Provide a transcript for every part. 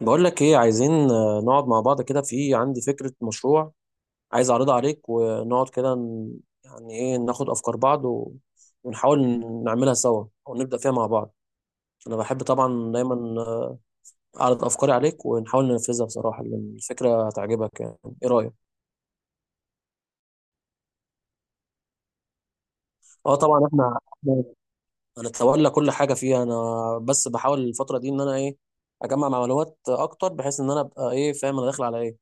بقول لك ايه عايزين، نقعد مع بعض كده. في عندي فكرة مشروع عايز اعرضها عليك ونقعد كده يعني ايه ناخد افكار بعض ونحاول نعملها سوا او نبدأ فيها مع بعض. انا بحب طبعا دايما، اعرض افكاري عليك ونحاول ننفذها بصراحة لان الفكرة هتعجبك يعني. ايه رأيك؟ اه، طبعا احنا هنتولى كل حاجة فيها. انا بس بحاول الفترة دي ان انا ايه اجمع معلومات اكتر، بحيث ان انا ابقى ايه فاهم انا داخل على ايه.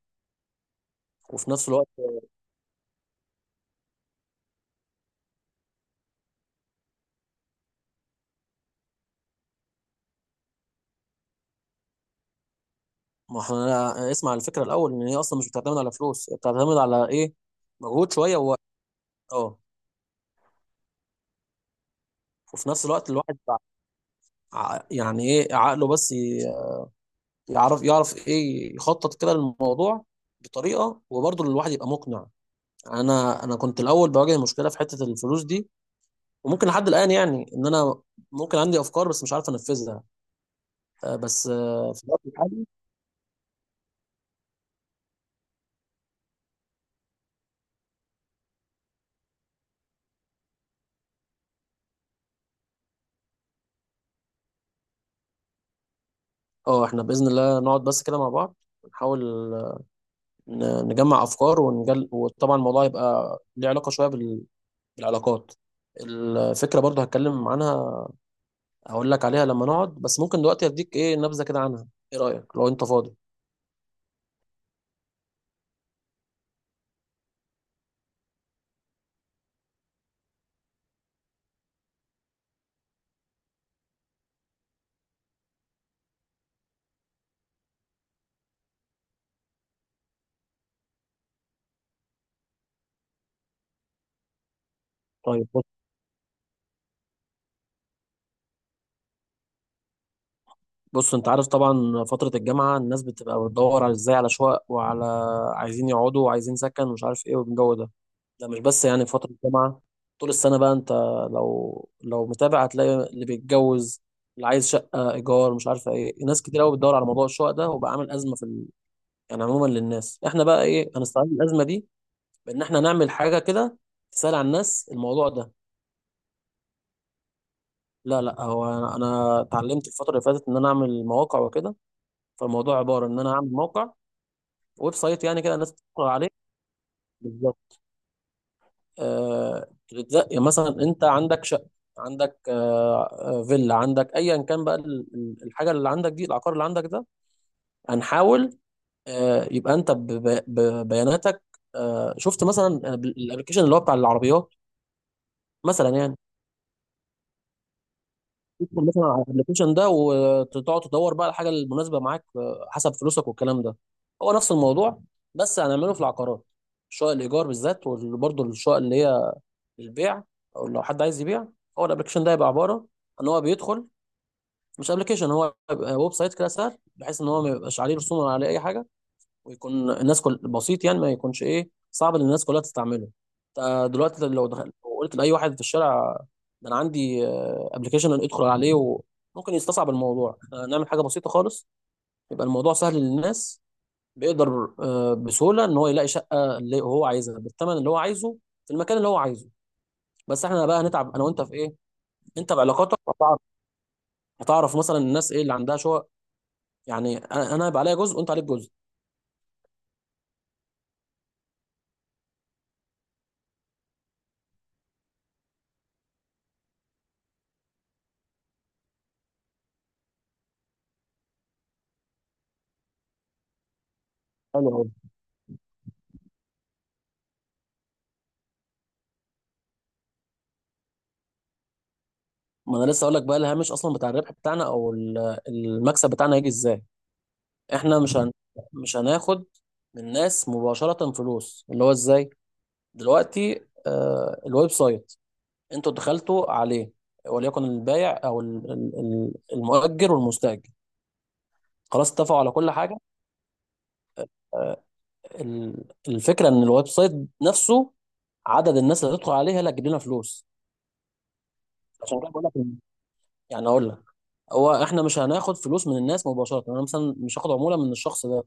وفي نفس الوقت ما احنا اسمع على الفكره الاول. ان هي اصلا مش بتعتمد على فلوس، هي بتعتمد على ايه. مجهود شويه ووقت. اه. وفي نفس الوقت الواحد يعني ايه عقله بس يعرف ايه يخطط كده للموضوع بطريقه، وبرضه الواحد يبقى مقنع. انا كنت الاول بواجه مشكله في حته الفلوس دي، وممكن لحد الان يعني ان انا ممكن عندي افكار بس مش عارف انفذها. بس، في الوقت الحالي. اه، احنا باذن الله نقعد بس كده مع بعض نحاول نجمع افكار وطبعا الموضوع يبقى ليه علاقه شويه بالعلاقات. الفكره برضو هتكلم عنها، هقول لك عليها لما نقعد، بس ممكن دلوقتي اديك ايه نبذه كده عنها. ايه رايك لو انت فاضي؟ طيب، بص. بص، انت عارف طبعا فتره الجامعه الناس بتبقى بتدور على ازاي على شقق وعلى عايزين يقعدوا، وعايزين سكن ومش عارف ايه والجو ده. ده مش بس يعني في فترة الجامعة، طول السنة بقى. انت لو متابع هتلاقي اللي بيتجوز، اللي عايز شقة إيجار مش عارفة ايه، ناس كتير قوي بتدور على موضوع الشقق ده وبقى عامل أزمة يعني عموما للناس. احنا بقى ايه هنستغل الأزمة دي بإن احنا نعمل حاجة كده تسهل على الناس الموضوع ده. لا، لا، هو أنا اتعلمت الفترة اللي فاتت إن أنا أعمل مواقع وكده. فالموضوع عبارة إن أنا أعمل موقع ويب سايت، يعني كده الناس تدخل عليه. بالظبط. بتتزق مثلا، انت عندك شقه، عندك فيلا، عندك ايا كان بقى الحاجه اللي عندك دي، العقار اللي عندك ده. هنحاول يبقى انت ببياناتك. شفت مثلا الابلكيشن اللي هو بتاع العربيات، مثلا يعني. تدخل مثلا على الابلكيشن ده وتقعد تدور بقى الحاجه المناسبه معاك، حسب فلوسك والكلام ده. هو نفس الموضوع بس هنعمله في العقارات، شقق الايجار بالذات وبرضه الشقق اللي هي البيع، او لو حد عايز يبيع. هو الابلكيشن ده يبقى عباره ان هو بيدخل، مش ابلكيشن، هو يبقى ويب سايت كده سهل، بحيث ان هو ما يبقاش عليه رسوم ولا عليه اي حاجه، ويكون الناس كل بسيط يعني ما يكونش ايه صعب ان الناس كلها تستعمله. انت دلوقتي لو دخلت، لو قلت لاي واحد في الشارع ده انا عندي ابلكيشن ادخل عليه وممكن يستصعب الموضوع. إحنا نعمل حاجه بسيطه خالص يبقى الموضوع سهل للناس. بيقدر بسهوله ان هو يلاقي شقه اللي هو عايزها بالثمن اللي هو عايزه في المكان اللي هو عايزه. بس احنا بقى هنتعب انا وانت في ايه؟ انت بعلاقاتك هتعرف، هتعرف مثلا الناس ايه اللي عندها شقق. يعني انا هيبقى عليا جزء وانت عليك جزء. حلو قوي. ما انا لسه اقول لك بقى الهامش اصلا بتاع الربح بتاعنا او المكسب بتاعنا هيجي ازاي. احنا مش هن... مش هناخد من الناس مباشره فلوس. اللي هو ازاي؟ دلوقتي الويب سايت انتوا دخلتوا عليه، وليكن البائع او المؤجر والمستاجر، خلاص اتفقوا على كل حاجه. آه الفكره ان الويب سايت نفسه، عدد الناس اللي هتدخل عليه هي اللي هتجيب لنا فلوس. عشان كده بقول لك يعني اقول لك، هو احنا مش هناخد فلوس من الناس مباشره. انا مثلا مش هاخد عموله من الشخص ده.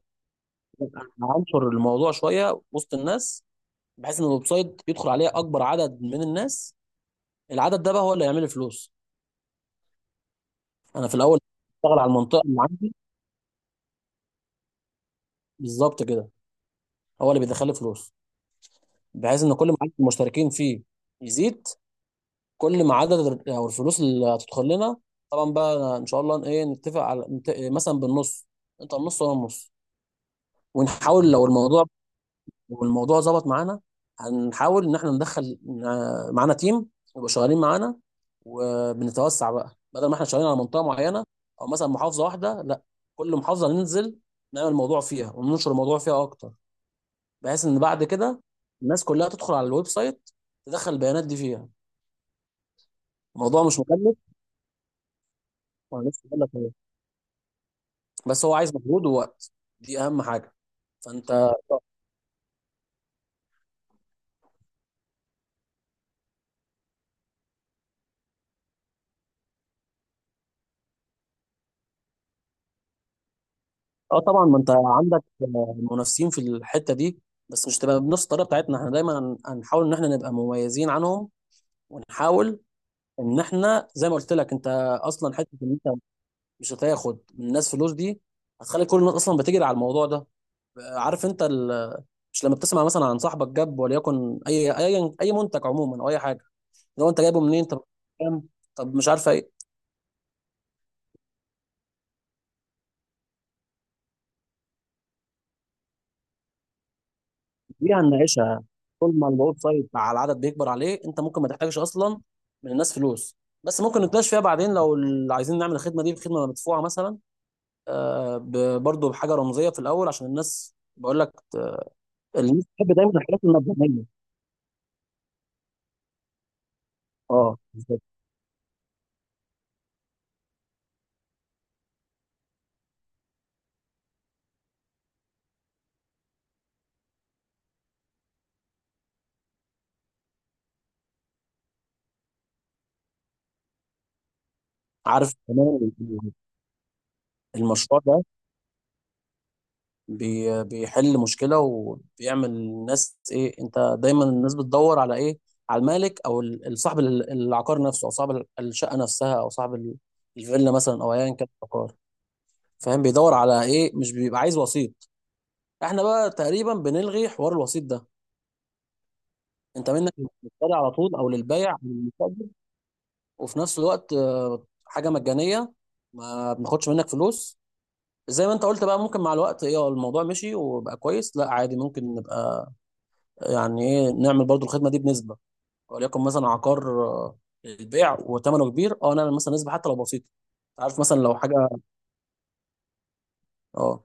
أنا هنشر الموضوع شويه وسط الناس بحيث ان الويب سايت يدخل عليه اكبر عدد من الناس. العدد ده بقى هو اللي هيعمل لي فلوس. انا في الاول بشتغل على المنطقه اللي عندي. بالظبط كده، هو اللي بيدخل لي فلوس، بحيث ان كل ما عدد المشتركين فيه يزيد كل ما عدد او الفلوس اللي هتدخل لنا. طبعا بقى ان شاء الله ايه نتفق على مثلا بالنص، انت النص وانا النص. ونحاول لو الموضوع والموضوع ظبط معانا، هنحاول ان احنا ندخل معانا تيم يبقوا شغالين معانا، وبنتوسع بقى بدل ما احنا شغالين على منطقه معينه او مثلا محافظه واحده. لا، كل محافظه ننزل نعمل موضوع فيها وننشر الموضوع فيها اكتر، بحيث ان بعد كده الناس كلها تدخل على الويب سايت تدخل البيانات دي فيها. الموضوع مش مكلف، وانا لسه بقول لك إهو. بس هو عايز مجهود ووقت، دي اهم حاجه. فانت، اه، طبعا ما انت عندك منافسين في الحته دي، بس مش تبقى بنفس الطريقه بتاعتنا. احنا دايما هنحاول ان احنا نبقى مميزين عنهم، ونحاول ان احنا زي ما قلت لك انت. اصلا حته ان انت مش هتاخد من الناس فلوس دي، هتخلي كل الناس اصلا بتجري على الموضوع ده. عارف انت مش لما بتسمع مثلا عن صاحبك جاب وليكن اي منتج عموما او اي حاجه؟ لو انت جايبه منين؟ طب كام؟ طب مش عارف إيه، دي هنناقشها. طول ما الاوت سايد مع العدد بيكبر عليه، انت ممكن ما تحتاجش اصلا من الناس فلوس. بس ممكن نتناقش فيها بعدين لو عايزين نعمل الخدمه دي بخدمه مدفوعه مثلا، برضه بحاجه رمزيه في الاول عشان الناس بقول لك الناس بتحب دايما الحاجات المبنيه. اه بالظبط. عارف كمان المشروع ده بيحل مشكلة وبيعمل الناس ايه. انت دايما الناس بتدور على ايه؟ على المالك او صاحب العقار نفسه، او صاحب الشقة نفسها، او صاحب الفيلا مثلا، او ايا كان العقار. فاهم بيدور على ايه، مش بيبقى عايز وسيط. احنا بقى تقريبا بنلغي حوار الوسيط ده. انت منك للمشتري على طول، او للبايع او للمستأجر. وفي نفس الوقت حاجة مجانية، ما بناخدش منك فلوس. زي ما انت قلت بقى، ممكن مع الوقت ايه، الموضوع مشي وبقى كويس، لا عادي ممكن نبقى يعني ايه نعمل برضو الخدمه دي بنسبه. وليكن مثلا عقار البيع وثمنه كبير، اه نعمل مثلا نسبه حتى لو بسيطه. عارف مثلا لو حاجه. اه.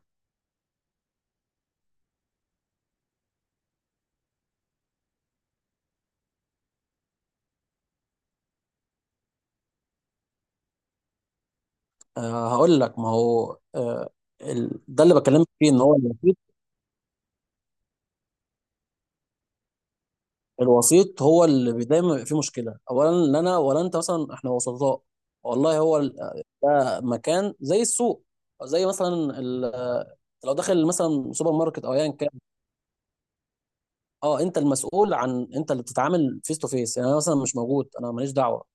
هقول لك ما هو ده اللي بكلمك فيه ان هو الوسيط. الوسيط هو اللي دايما بيبقى فيه مشكله. اولا لا انا ولا انت مثلا احنا وسطاء، والله هو ده مكان زي السوق، أو زي مثلا لو داخل مثلا سوبر ماركت او ايا كان. اه، انت المسؤول، عن انت اللي بتتعامل فيس تو فيس يعني. انا مثلا مش موجود، انا ماليش دعوه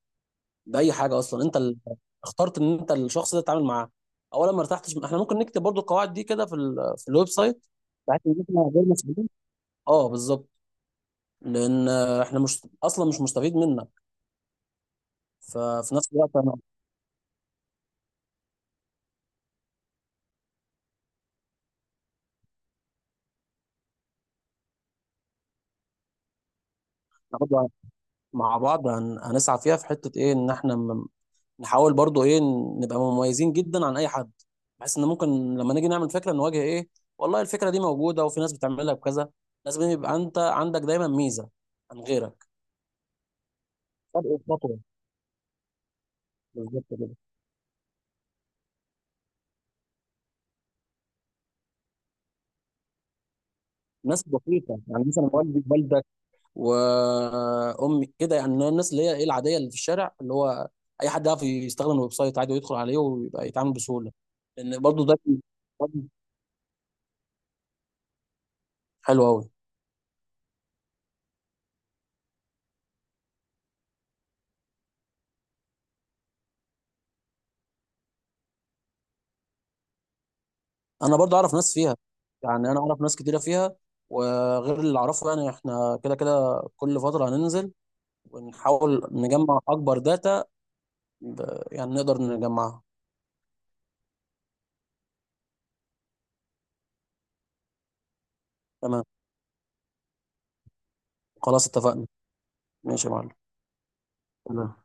باي حاجه اصلا. انت اللي اخترت ان انت الشخص ده تتعامل معاه. اولا ما ارتحتش، احنا ممكن نكتب برضو القواعد دي كده في الويب سايت، بحيث ان احنا غير مسؤولين. اه بالظبط، لان احنا مش اصلا مش مستفيد منها. ففي نفس الوقت انا، إحنا برضو مع بعض هنسعى فيها في حته ايه، ان احنا نحاول برضو ايه نبقى مميزين جدا عن اي حد، بحيث ان ممكن لما نيجي نعمل فكره نواجه ايه، والله الفكره دي موجوده وفي ناس بتعملها بكذا. لازم يبقى انت عندك دايما ميزه عن غيرك، فرق الخطوه. بالظبط كده. ناس بسيطة يعني مثلا والدي والدك وأمي كده، يعني الناس اللي هي إيه العادية اللي في الشارع، اللي هو أي حد يعرف يستخدم الويب سايت عادي ويدخل عليه ويبقى يتعامل بسهولة. لأن برضو ده برضو حلو أوي. أنا برضو أعرف ناس فيها، يعني أنا أعرف ناس كتيرة فيها. وغير اللي أعرفه يعني إحنا كده كده كل فترة هننزل ونحاول نجمع أكبر داتا يعني نقدر نجمعها. تمام، خلاص اتفقنا. ماشي يا معلم. تمام.